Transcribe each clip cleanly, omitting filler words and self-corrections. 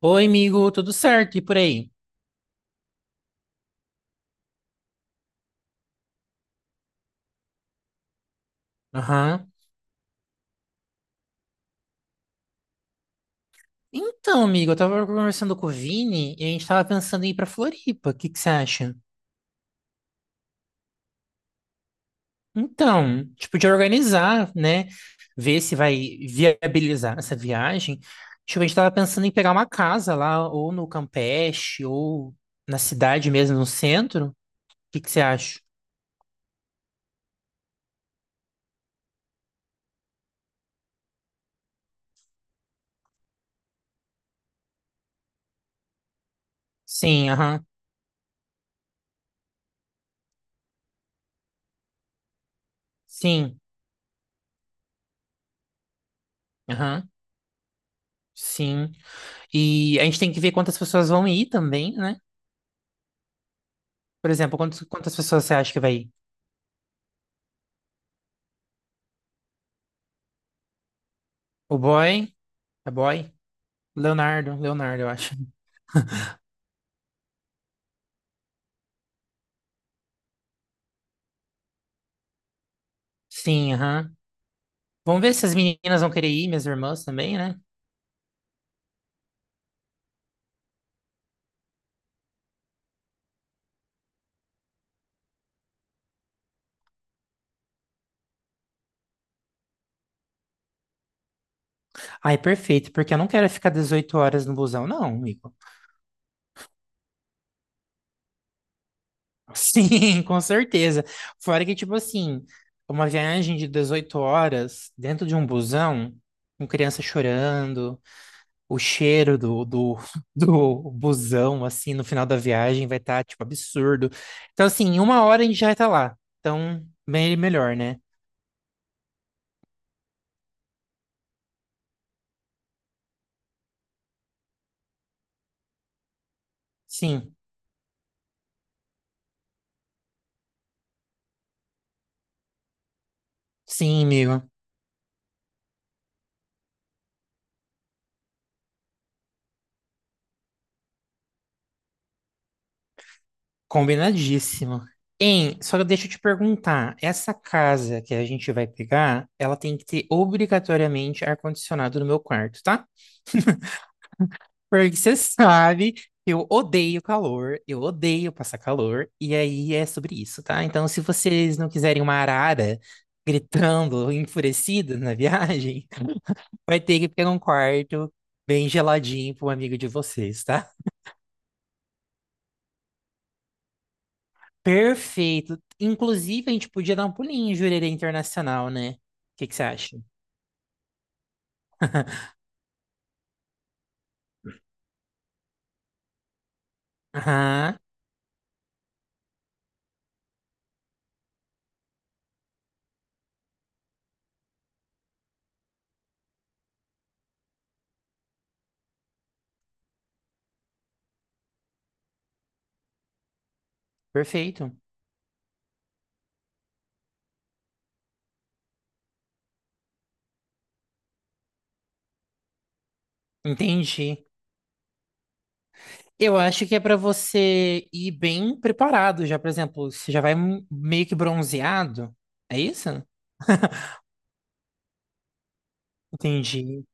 Oi, amigo, tudo certo? E por aí? Aham. Então, amigo, eu tava conversando com o Vini e a gente tava pensando em ir pra Floripa. O que que você acha? Então, tipo, de organizar, né? Ver se vai viabilizar essa viagem. Tipo, a gente tava pensando em pegar uma casa lá, ou no Campeche, ou na cidade mesmo, no centro. O que que você acha? Sim, aham. Sim, aham. Sim. E a gente tem que ver quantas pessoas vão ir também, né? Por exemplo, quantas pessoas você acha que vai ir? O boy? É boy? Leonardo, Leonardo, eu acho. Sim, aham. Vamos ver se as meninas vão querer ir, minhas irmãs também, né? Ai, perfeito, porque eu não quero ficar 18 horas no busão, não, amigo. Sim, com certeza. Fora que, tipo assim, uma viagem de 18 horas dentro de um busão, com criança chorando, o cheiro do busão, assim, no final da viagem vai estar, tipo, absurdo. Então, assim, em 1 hora a gente já vai estar lá. Então, bem melhor, né? Sim. Sim, amigo. Combinadíssimo. Hein, só deixa eu te perguntar, essa casa que a gente vai pegar, ela tem que ter obrigatoriamente ar-condicionado no meu quarto, tá? Porque você sabe que eu odeio calor, eu odeio passar calor, e aí é sobre isso, tá? Então, se vocês não quiserem uma arara gritando, enfurecida na viagem, vai ter que pegar um quarto bem geladinho para um amigo de vocês, tá? Perfeito. Inclusive, a gente podia dar um pulinho em Jurerê Internacional, né? O que que você acha? Aham, perfeito. Entendi. Eu acho que é para você ir bem preparado já, por exemplo, você já vai meio que bronzeado. É isso? Entendi,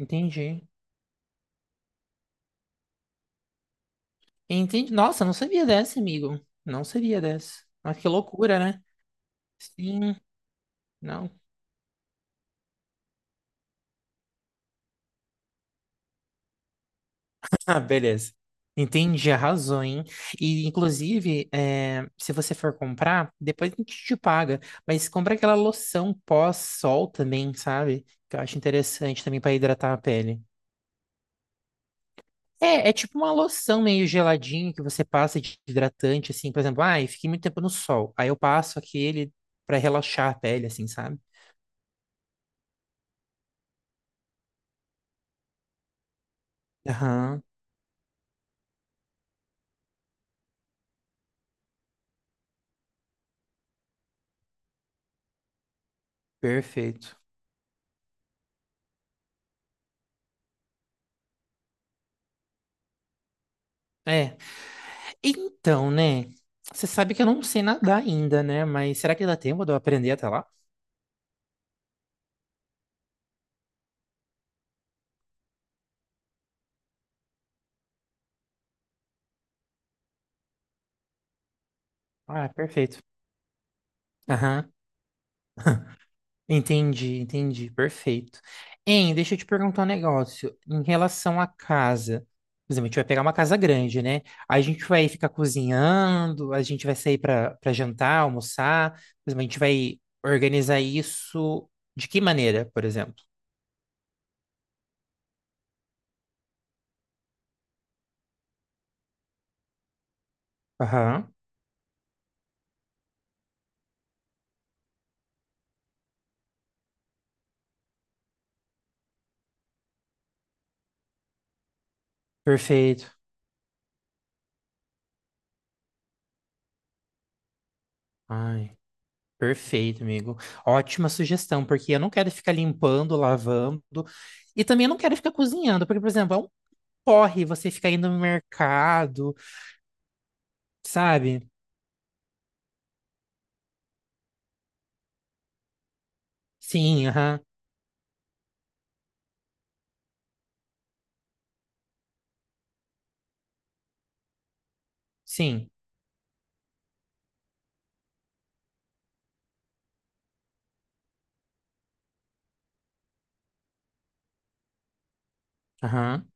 entendi. Entendi. Nossa, não sabia dessa, amigo. Não sabia dessa. Mas que loucura, né? Sim, não. Ah, beleza. Entendi, arrasou, hein? E, inclusive, é, se você for comprar, depois a gente te paga. Mas compra aquela loção pós-sol também, sabe? Que eu acho interessante também para hidratar a pele. É, é tipo uma loção meio geladinha que você passa de hidratante, assim. Por exemplo, ai, fiquei muito tempo no sol. Aí eu passo aquele para relaxar a pele, assim, sabe? Aham, perfeito. É, então, né? Você sabe que eu não sei nadar ainda, né? Mas será que dá tempo de eu aprender até lá? Ah, perfeito. Aham. Entendi, entendi. Perfeito. Hein, deixa eu te perguntar um negócio. Em relação à casa, por exemplo, a gente vai pegar uma casa grande, né? A gente vai ficar cozinhando, a gente vai sair para jantar, almoçar. Por exemplo, a gente vai organizar isso de que maneira, por exemplo? Aham. Perfeito. Ai, perfeito, amigo. Ótima sugestão, porque eu não quero ficar limpando, lavando. E também eu não quero ficar cozinhando, porque, por exemplo, é um corre, você fica indo no mercado, sabe? Sim, aham, sim, aham.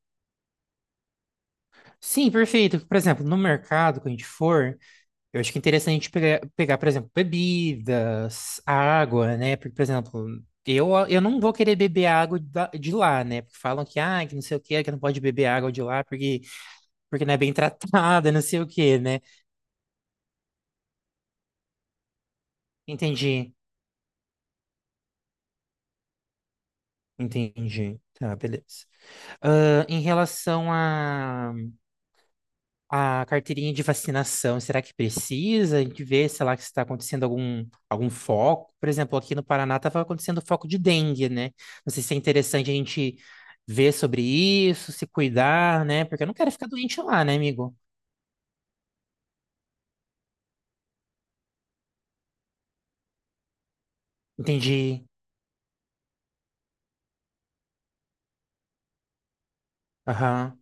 Sim, perfeito. Por exemplo, no mercado, quando a gente for, eu acho que é interessante a gente pegar, por exemplo, bebidas, água, né? Porque, por exemplo, eu não vou querer beber de lá, né? Porque falam que, ah, que não sei o quê, que não pode beber água de lá porque, porque não é bem tratada, não sei o quê, né? Entendi, entendi. Tá, beleza. Ah, em relação a carteirinha de vacinação, será que precisa? A gente vê, sei lá, que está acontecendo algum foco. Por exemplo, aqui no Paraná estava acontecendo foco de dengue, né? Não sei se é interessante a gente ver sobre isso, se cuidar, né? Porque eu não quero ficar doente lá, né, amigo? Entendi. Aham.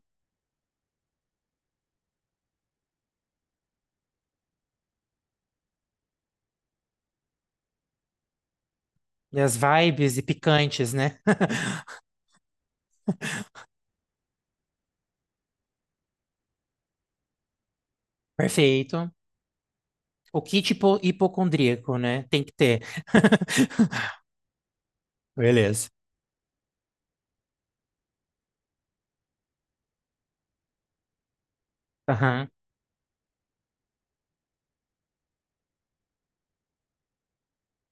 E as vibes e picantes, né? Perfeito. O kit hipocondríaco, né? Tem que ter. Beleza. Aham.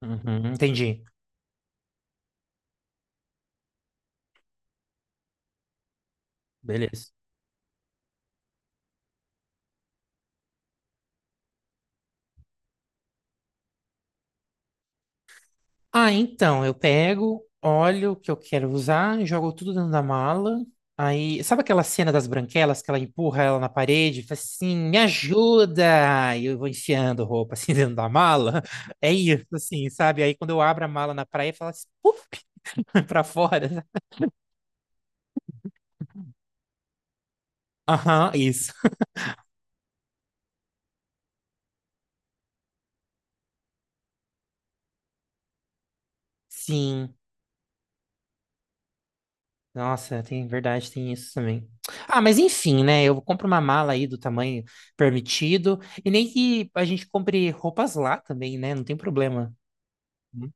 Uhum. Entendi. Beleza. Ah, então, eu pego, olho o que eu quero usar, jogo tudo dentro da mala. Aí, sabe aquela cena das branquelas que ela empurra ela na parede, e fala assim, me ajuda! E eu vou enfiando roupa assim dentro da mala. É isso, assim, sabe? Aí quando eu abro a mala na praia, fala assim, puf, pra fora. Aham, isso. Sim. Nossa, tem verdade, tem isso também. Ah, mas enfim, né? Eu compro uma mala aí do tamanho permitido. E nem que a gente compre roupas lá também, né? Não tem problema. Uhum.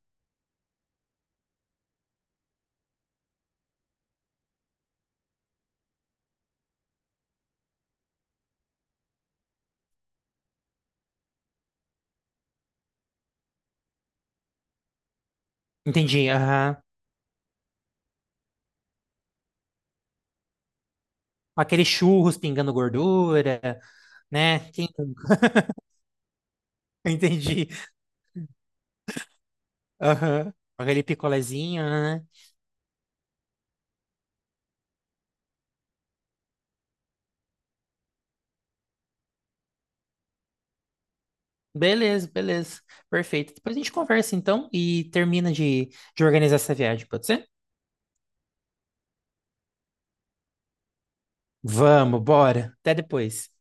Entendi, aham. Aqueles churros pingando gordura, né? Quem- Entendi. Aham. Aquele picolézinho, né? Beleza, beleza. Perfeito. Depois a gente conversa então e termina de organizar essa viagem, pode ser? Vamos, bora. Até depois.